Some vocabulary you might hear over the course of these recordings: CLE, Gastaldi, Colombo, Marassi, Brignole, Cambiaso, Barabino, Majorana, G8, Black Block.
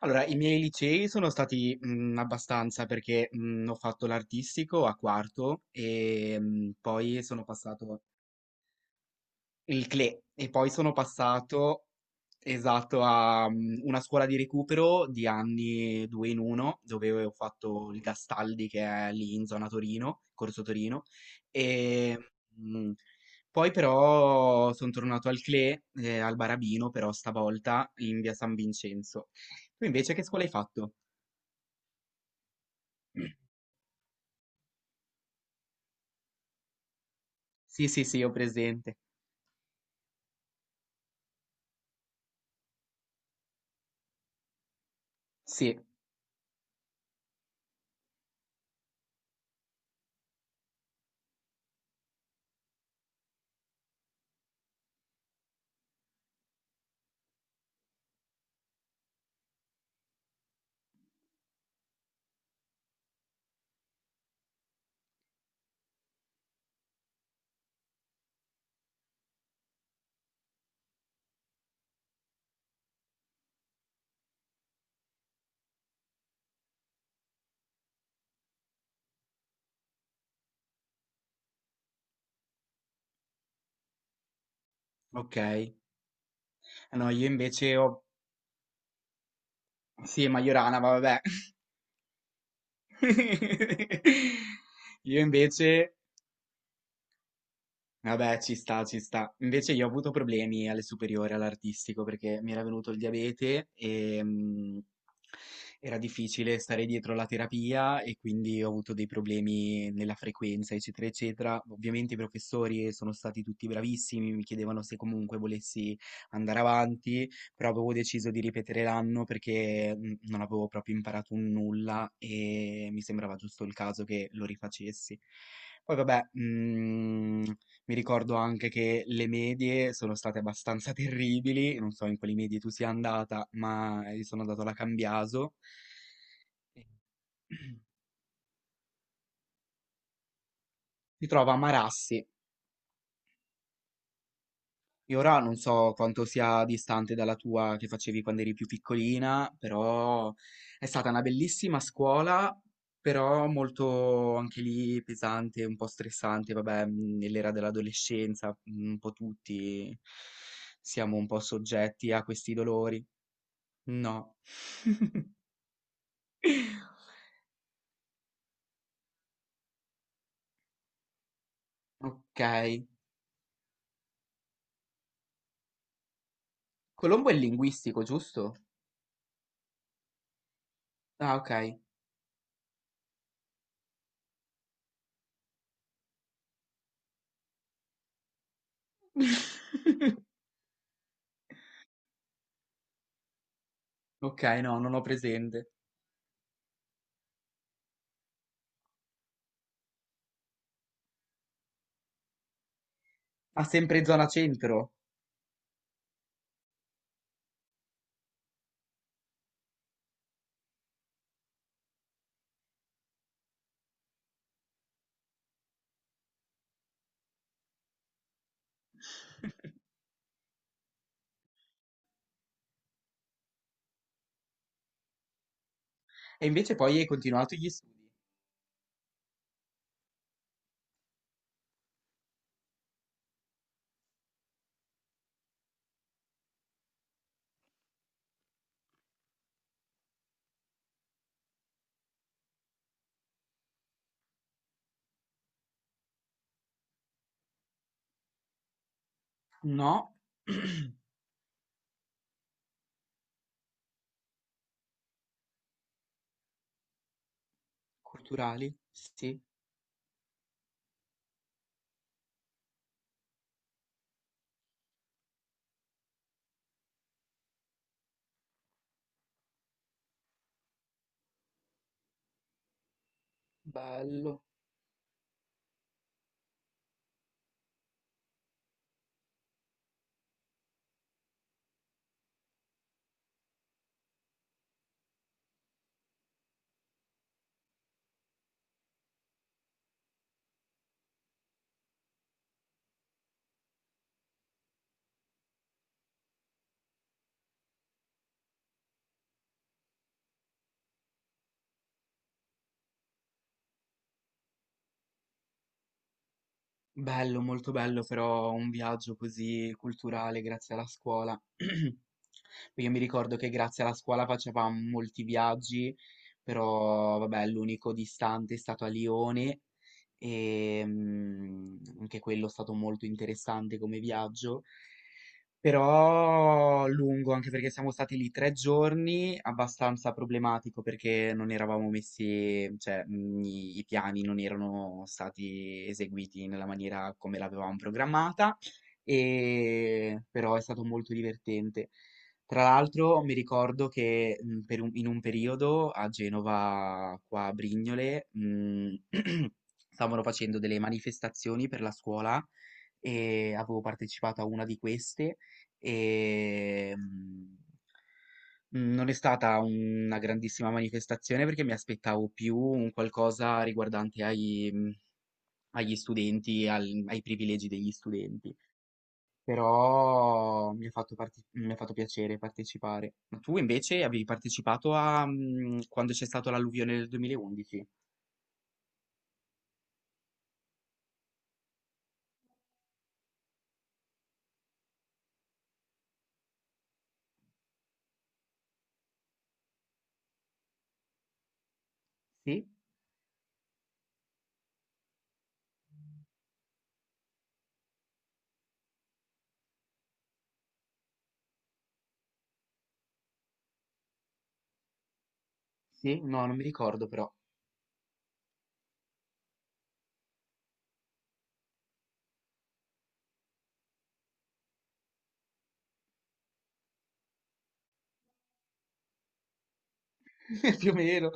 Allora, i miei licei sono stati abbastanza perché ho fatto l'artistico a quarto e poi sono passato il CLE e poi sono passato esatto a una scuola di recupero di anni due in uno dove ho fatto il Gastaldi che è lì in zona Torino, Corso Torino e mh, poi però sono tornato al CLE, al Barabino però stavolta in via San Vincenzo. Tu invece che scuola hai fatto? Sì, sì, sì, ho presente. Sì, okay. No, io invece ho sì, Majorana, ma vabbè. Io invece Vabbè, ci sta, ci sta. Invece io ho avuto problemi alle superiori, all'artistico, perché mi era venuto il diabete e era difficile stare dietro la terapia e quindi ho avuto dei problemi nella frequenza, eccetera, eccetera. Ovviamente i professori sono stati tutti bravissimi, mi chiedevano se comunque volessi andare avanti, però avevo deciso di ripetere l'anno perché non avevo proprio imparato un nulla e mi sembrava giusto il caso che lo rifacessi. Poi vabbè, mi ricordo anche che le medie sono state abbastanza terribili, non so in quali medie tu sia andata, ma io sono andato alla Cambiaso. Si trova a Marassi. Io ora non so quanto sia distante dalla tua che facevi quando eri più piccolina, però è stata una bellissima scuola, però molto anche lì pesante, un po' stressante, vabbè, nell'era dell'adolescenza, un po' tutti siamo un po' soggetti a questi dolori. No. Okay. Colombo è linguistico, giusto? Ah, okay. Okay, no, non ho presente. Ah, sempre zona centro? E invece poi hai continuato gli studi? No. Culturali? Sì. Bello. Bello, molto bello però un viaggio così culturale grazie alla scuola. Io mi ricordo che grazie alla scuola facevamo molti viaggi, però vabbè, l'unico distante è stato a Lione e anche quello è stato molto interessante come viaggio. Però lungo, anche perché siamo stati lì 3 giorni, abbastanza problematico perché non eravamo messi, cioè i piani non erano stati eseguiti nella maniera come l'avevamo programmata, e, però è stato molto divertente. Tra l'altro mi ricordo che in un periodo a Genova, qua a Brignole, stavano facendo delle manifestazioni per la scuola e avevo partecipato a una di queste e non è stata una grandissima manifestazione perché mi aspettavo più un qualcosa riguardante agli studenti, ai privilegi degli studenti, però mi ha fatto piacere partecipare. Ma tu invece avevi partecipato quando c'è stata l'alluvione del 2011? Sì? Sì? No, non mi ricordo però. Più o meno.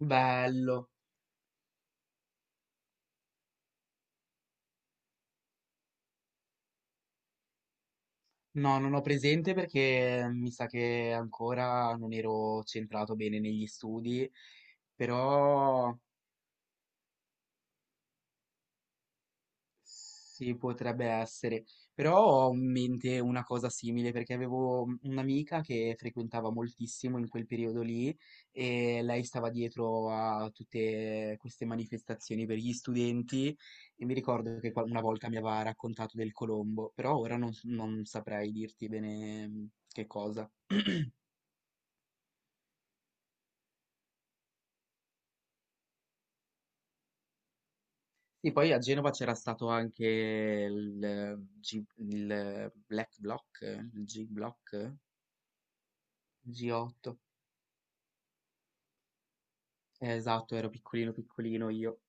Bello. No, non ho presente perché mi sa che ancora non ero centrato bene negli studi, però sì, potrebbe essere. Però ho in mente una cosa simile perché avevo un'amica che frequentava moltissimo in quel periodo lì e lei stava dietro a tutte queste manifestazioni per gli studenti e mi ricordo che una volta mi aveva raccontato del Colombo, però ora non saprei dirti bene che cosa. Sì, poi a Genova c'era stato anche il Black Block, il G-Block, G8. Esatto, ero piccolino, piccolino io.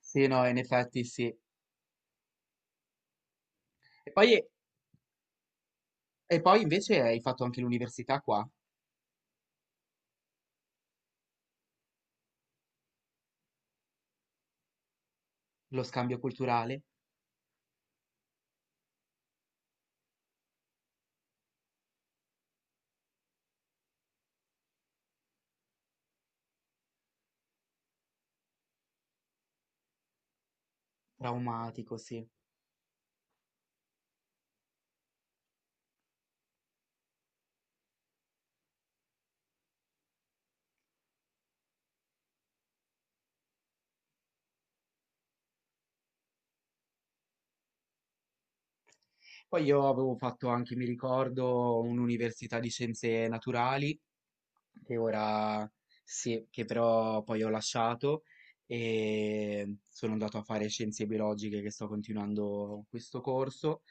Sì, no, in effetti sì. Poi, e poi invece hai fatto anche l'università qua, lo scambio culturale, traumatico, sì. Poi io avevo fatto anche, mi ricordo, un'università di scienze naturali che ora sì, che però poi ho lasciato e sono andato a fare scienze biologiche che sto continuando questo corso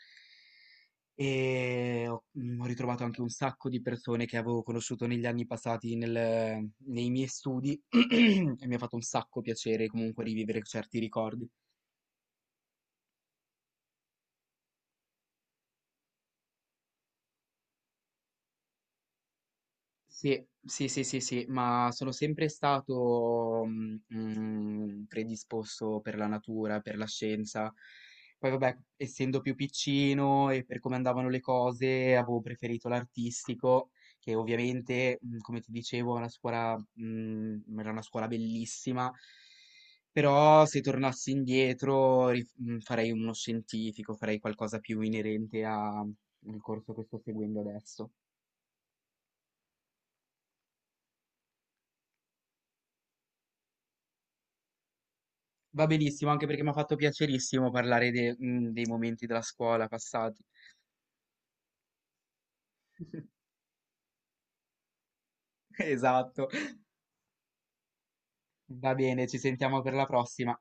e ho ritrovato anche un sacco di persone che avevo conosciuto negli anni passati nei miei studi e mi ha fatto un sacco piacere comunque rivivere certi ricordi. Sì, sì, sì, sì, sì, ma sono sempre stato predisposto per la natura, per la scienza. Poi vabbè, essendo più piccino e per come andavano le cose, avevo preferito l'artistico, che ovviamente, come ti dicevo, è una scuola, era una scuola bellissima, però se tornassi indietro farei uno scientifico, farei qualcosa più inerente al corso che sto seguendo adesso. Va benissimo, anche perché mi ha fatto piacerissimo parlare dei momenti della scuola passati. Esatto. Va bene, ci sentiamo per la prossima.